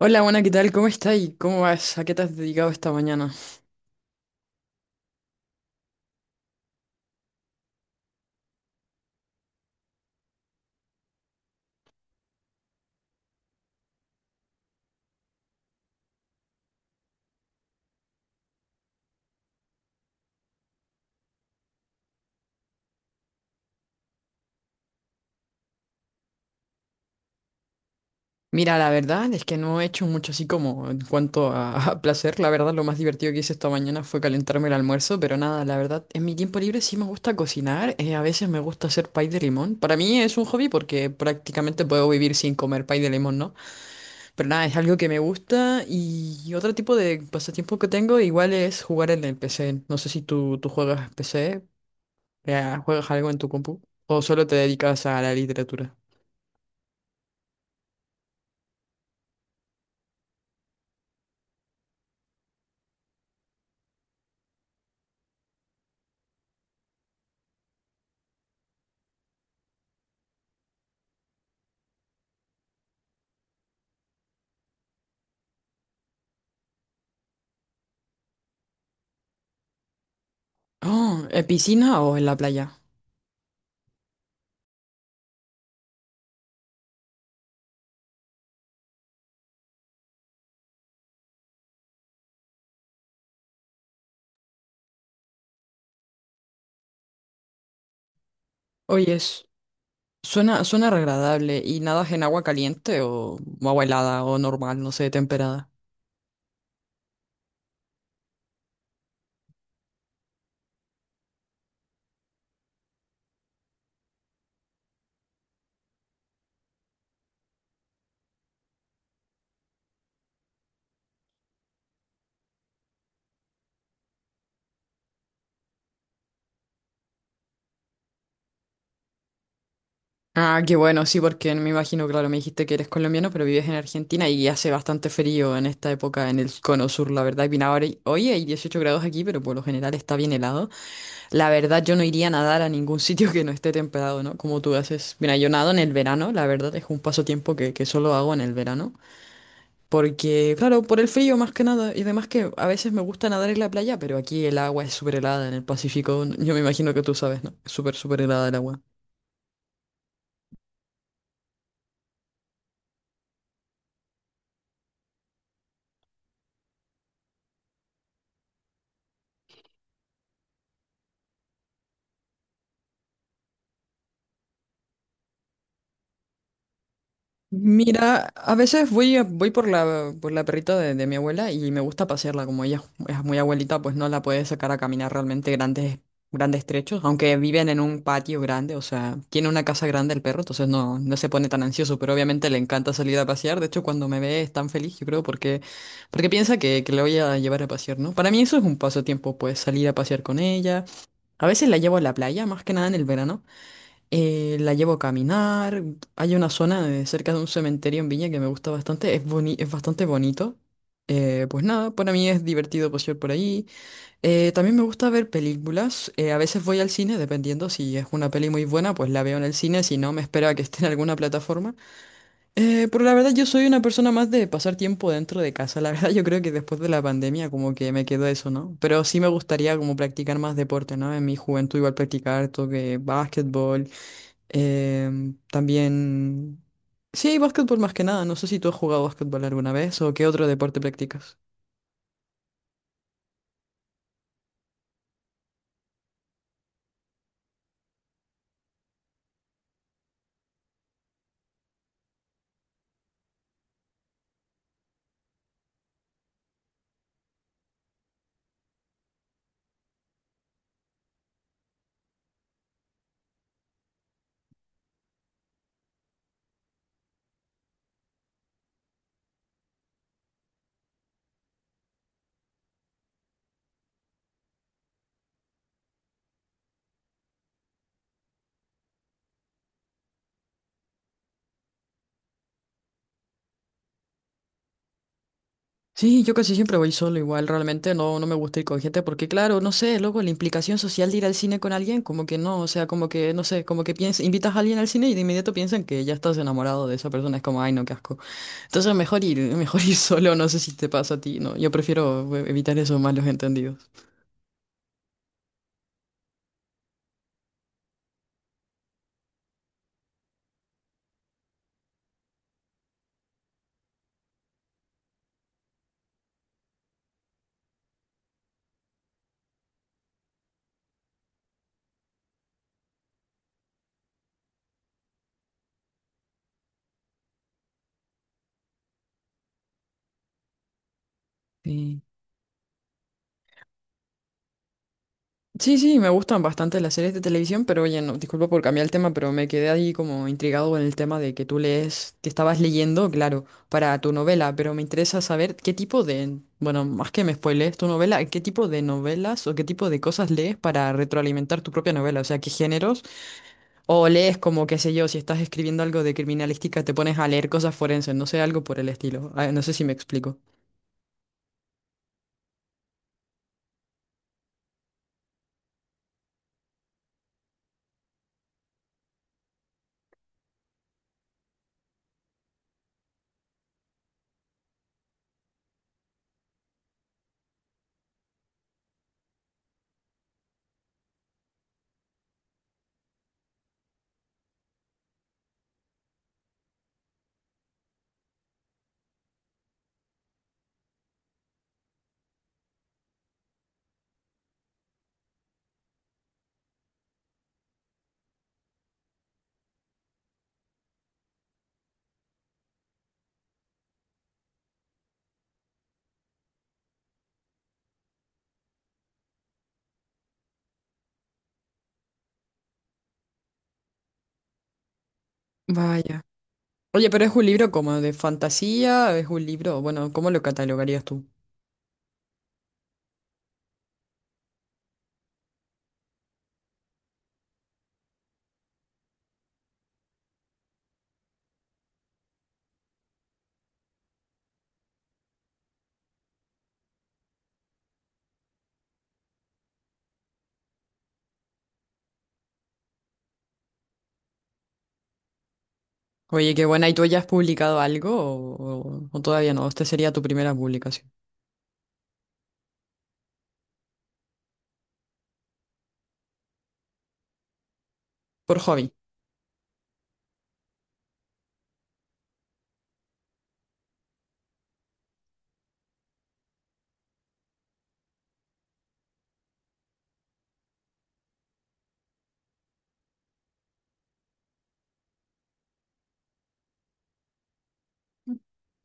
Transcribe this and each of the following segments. Hola, buena, ¿qué tal? ¿Cómo estás y cómo vas? ¿A qué te has dedicado esta mañana? Mira, la verdad es que no he hecho mucho así como en cuanto a, a placer. La verdad, lo más divertido que hice esta mañana fue calentarme el almuerzo, pero nada, la verdad, en mi tiempo libre sí me gusta cocinar. A veces me gusta hacer pay de limón. Para mí es un hobby porque prácticamente puedo vivir sin comer pay de limón, ¿no? Pero nada, es algo que me gusta y otro tipo de pasatiempo que tengo igual es jugar en el PC. No sé si tú juegas PC. Vea, ¿juegas algo en tu compu? ¿O solo te dedicas a la literatura? Oh, ¿en piscina o en la playa? Oye, es- Suena, suena re agradable. ¿Y nadas en agua caliente o agua helada o normal, no sé, temperada? Ah, qué bueno, sí, porque me imagino, claro, me dijiste que eres colombiano, pero vives en Argentina y hace bastante frío en esta época en el cono sur, la verdad. Y bien, ahora, hoy hay 18 grados aquí, pero por lo general está bien helado. La verdad, yo no iría a nadar a ningún sitio que no esté templado, ¿no? Como tú haces. Mira, yo nado en el verano, la verdad es un pasatiempo que solo hago en el verano. Porque, claro, por el frío más que nada. Y además que a veces me gusta nadar en la playa, pero aquí el agua es súper helada en el Pacífico. Yo me imagino que tú sabes, ¿no? Es súper, súper helada el agua. Mira, a veces voy, voy por la perrita de mi abuela y me gusta pasearla, como ella es muy abuelita, pues no la puede sacar a caminar realmente grandes, grandes trechos, aunque viven en un patio grande, o sea, tiene una casa grande el perro, entonces no se pone tan ansioso, pero obviamente le encanta salir a pasear, de hecho cuando me ve es tan feliz, yo creo, porque, porque piensa que la voy a llevar a pasear, ¿no? Para mí eso es un pasatiempo, pues salir a pasear con ella. A veces la llevo a la playa, más que nada en el verano. La llevo a caminar. Hay una cerca de un cementerio en Viña que me gusta bastante. Es es bastante bonito. Pues nada, para mí es divertido pasear por ahí. También me gusta ver películas. A veces voy al cine, dependiendo si es una peli muy buena, pues la veo en el cine. Si no, me espero a que esté en alguna plataforma. Pero la verdad, yo soy una persona más de pasar tiempo dentro de casa. La verdad, yo creo que después de la pandemia como que me quedó eso, ¿no? Pero sí me gustaría como practicar más deporte, ¿no? En mi juventud igual practicar toque, básquetbol. Em, también... Sí, básquetbol más que nada. No sé si tú has jugado básquetbol alguna vez o qué otro deporte practicas. Sí, yo casi siempre voy solo igual, realmente no, no me gusta ir con gente porque claro, no sé, luego la implicación social de ir al cine con alguien, como que no, o sea, como que, no sé, como que piensas, invitas a alguien al cine y de inmediato piensan que ya estás enamorado de esa persona, es como, ay, no, qué asco. Entonces mejor ir, mejor ir solo, no sé si te pasa a ti, no, yo prefiero evitar eso, malos entendidos. Sí. Sí, sí, me gustan bastante las series de televisión, pero oye, no, disculpa por cambiar el tema, pero me quedé ahí como intrigado con el tema de que tú lees, que estabas leyendo, claro, para tu novela, pero me interesa saber qué tipo de, bueno, más que me spoilees tu novela, qué tipo de novelas o qué tipo de cosas lees para retroalimentar tu propia novela, o sea, qué géneros, o lees como, qué sé yo, si estás escribiendo algo de criminalística, te pones a leer cosas forenses, no sé, algo por el estilo. Ah, no sé si me explico. Vaya. Oye, pero es un libro como de fantasía, es un libro, bueno, ¿cómo lo catalogarías tú? Oye, qué buena. ¿Y tú ya has publicado algo o, o todavía no? Esta sería tu primera publicación. Por hobby.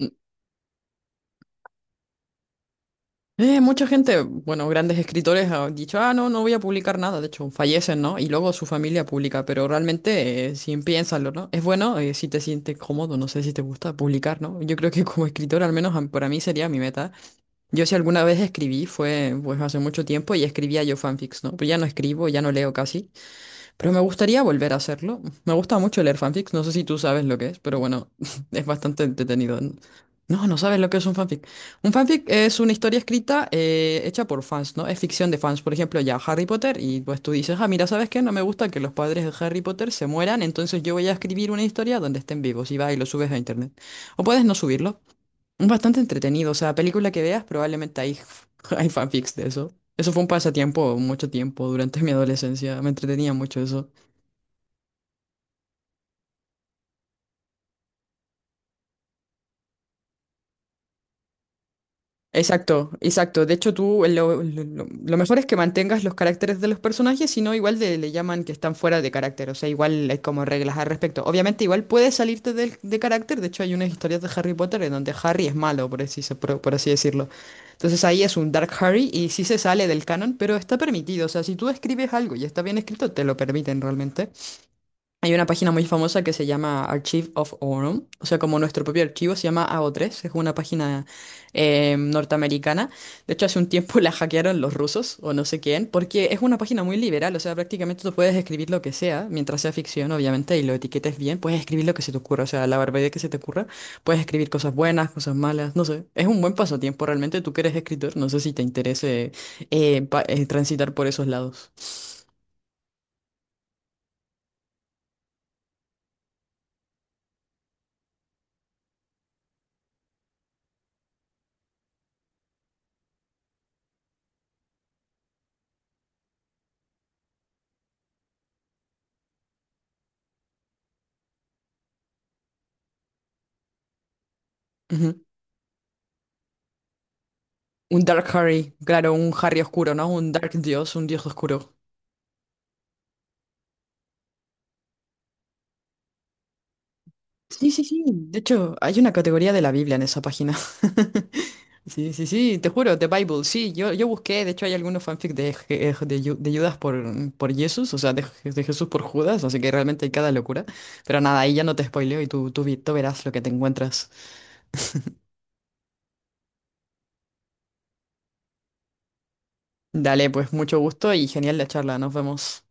Mm. Mucha gente, bueno, grandes escritores han dicho, ah, no, no voy a publicar nada. De hecho, fallecen, ¿no? Y luego su familia publica, pero realmente, sin piénsalo, ¿no? Es bueno, si te sientes cómodo, no sé si te gusta publicar, ¿no? Yo creo que como escritor, al menos para mí sería mi meta. Yo si alguna vez escribí, fue pues hace mucho tiempo y escribía yo fanfics, ¿no? Pero ya no escribo, ya no leo casi. Pero me gustaría volver a hacerlo. Me gusta mucho leer fanfics. No sé si tú sabes lo que es, pero bueno, es bastante entretenido. No, no sabes lo que es un fanfic. Un fanfic es una historia escrita hecha por fans, ¿no? Es ficción de fans. Por ejemplo, ya Harry Potter, y pues tú dices, ah, mira, ¿sabes qué? No me gusta que los padres de Harry Potter se mueran, entonces yo voy a escribir una historia donde estén vivos y vas y lo subes a internet. O puedes no subirlo. Es bastante entretenido. O sea, película que veas, probablemente hay, hay fanfics de eso. Eso fue un pasatiempo mucho tiempo durante mi adolescencia. Me entretenía mucho eso. Exacto, exacto. De hecho, tú lo mejor es que mantengas los caracteres de los personajes, si no, igual le llaman que están fuera de carácter. O sea, igual hay como reglas al respecto. Obviamente, igual puedes salirte de carácter. De hecho, hay unas historias de Harry Potter en donde Harry es malo, por así, por así decirlo. Entonces ahí es un Dark Harry y sí se sale del canon, pero está permitido. O sea, si tú escribes algo y está bien escrito, te lo permiten realmente. Hay una página muy famosa que se llama Archive of Orum, o sea, como nuestro propio archivo, se llama AO3. Es una página norteamericana. De hecho, hace un tiempo la hackearon los rusos, o no sé quién, porque es una página muy liberal, o sea, prácticamente tú puedes escribir lo que sea, mientras sea ficción, obviamente, y lo etiquetes bien, puedes escribir lo que se te ocurra, o sea, la barbaridad que se te ocurra, puedes escribir cosas buenas, cosas malas, no sé, es un buen pasatiempo realmente, tú que eres escritor, no sé si te interese transitar por esos lados. Un Dark Harry, claro, un Harry oscuro, ¿no? Un Dark Dios, un Dios oscuro. Sí, sí, sí. De hecho, hay una categoría de la Biblia en esa página. Sí, sí, sí, te juro, The Bible, sí, yo busqué, de hecho hay algunos fanfic de, de Judas por Jesús, o sea, de, de Jesús por Judas, así que realmente hay cada locura. Pero nada, ahí ya no te spoileo y tú, tú verás lo que te encuentras. Dale, pues mucho gusto y genial la charla, nos vemos.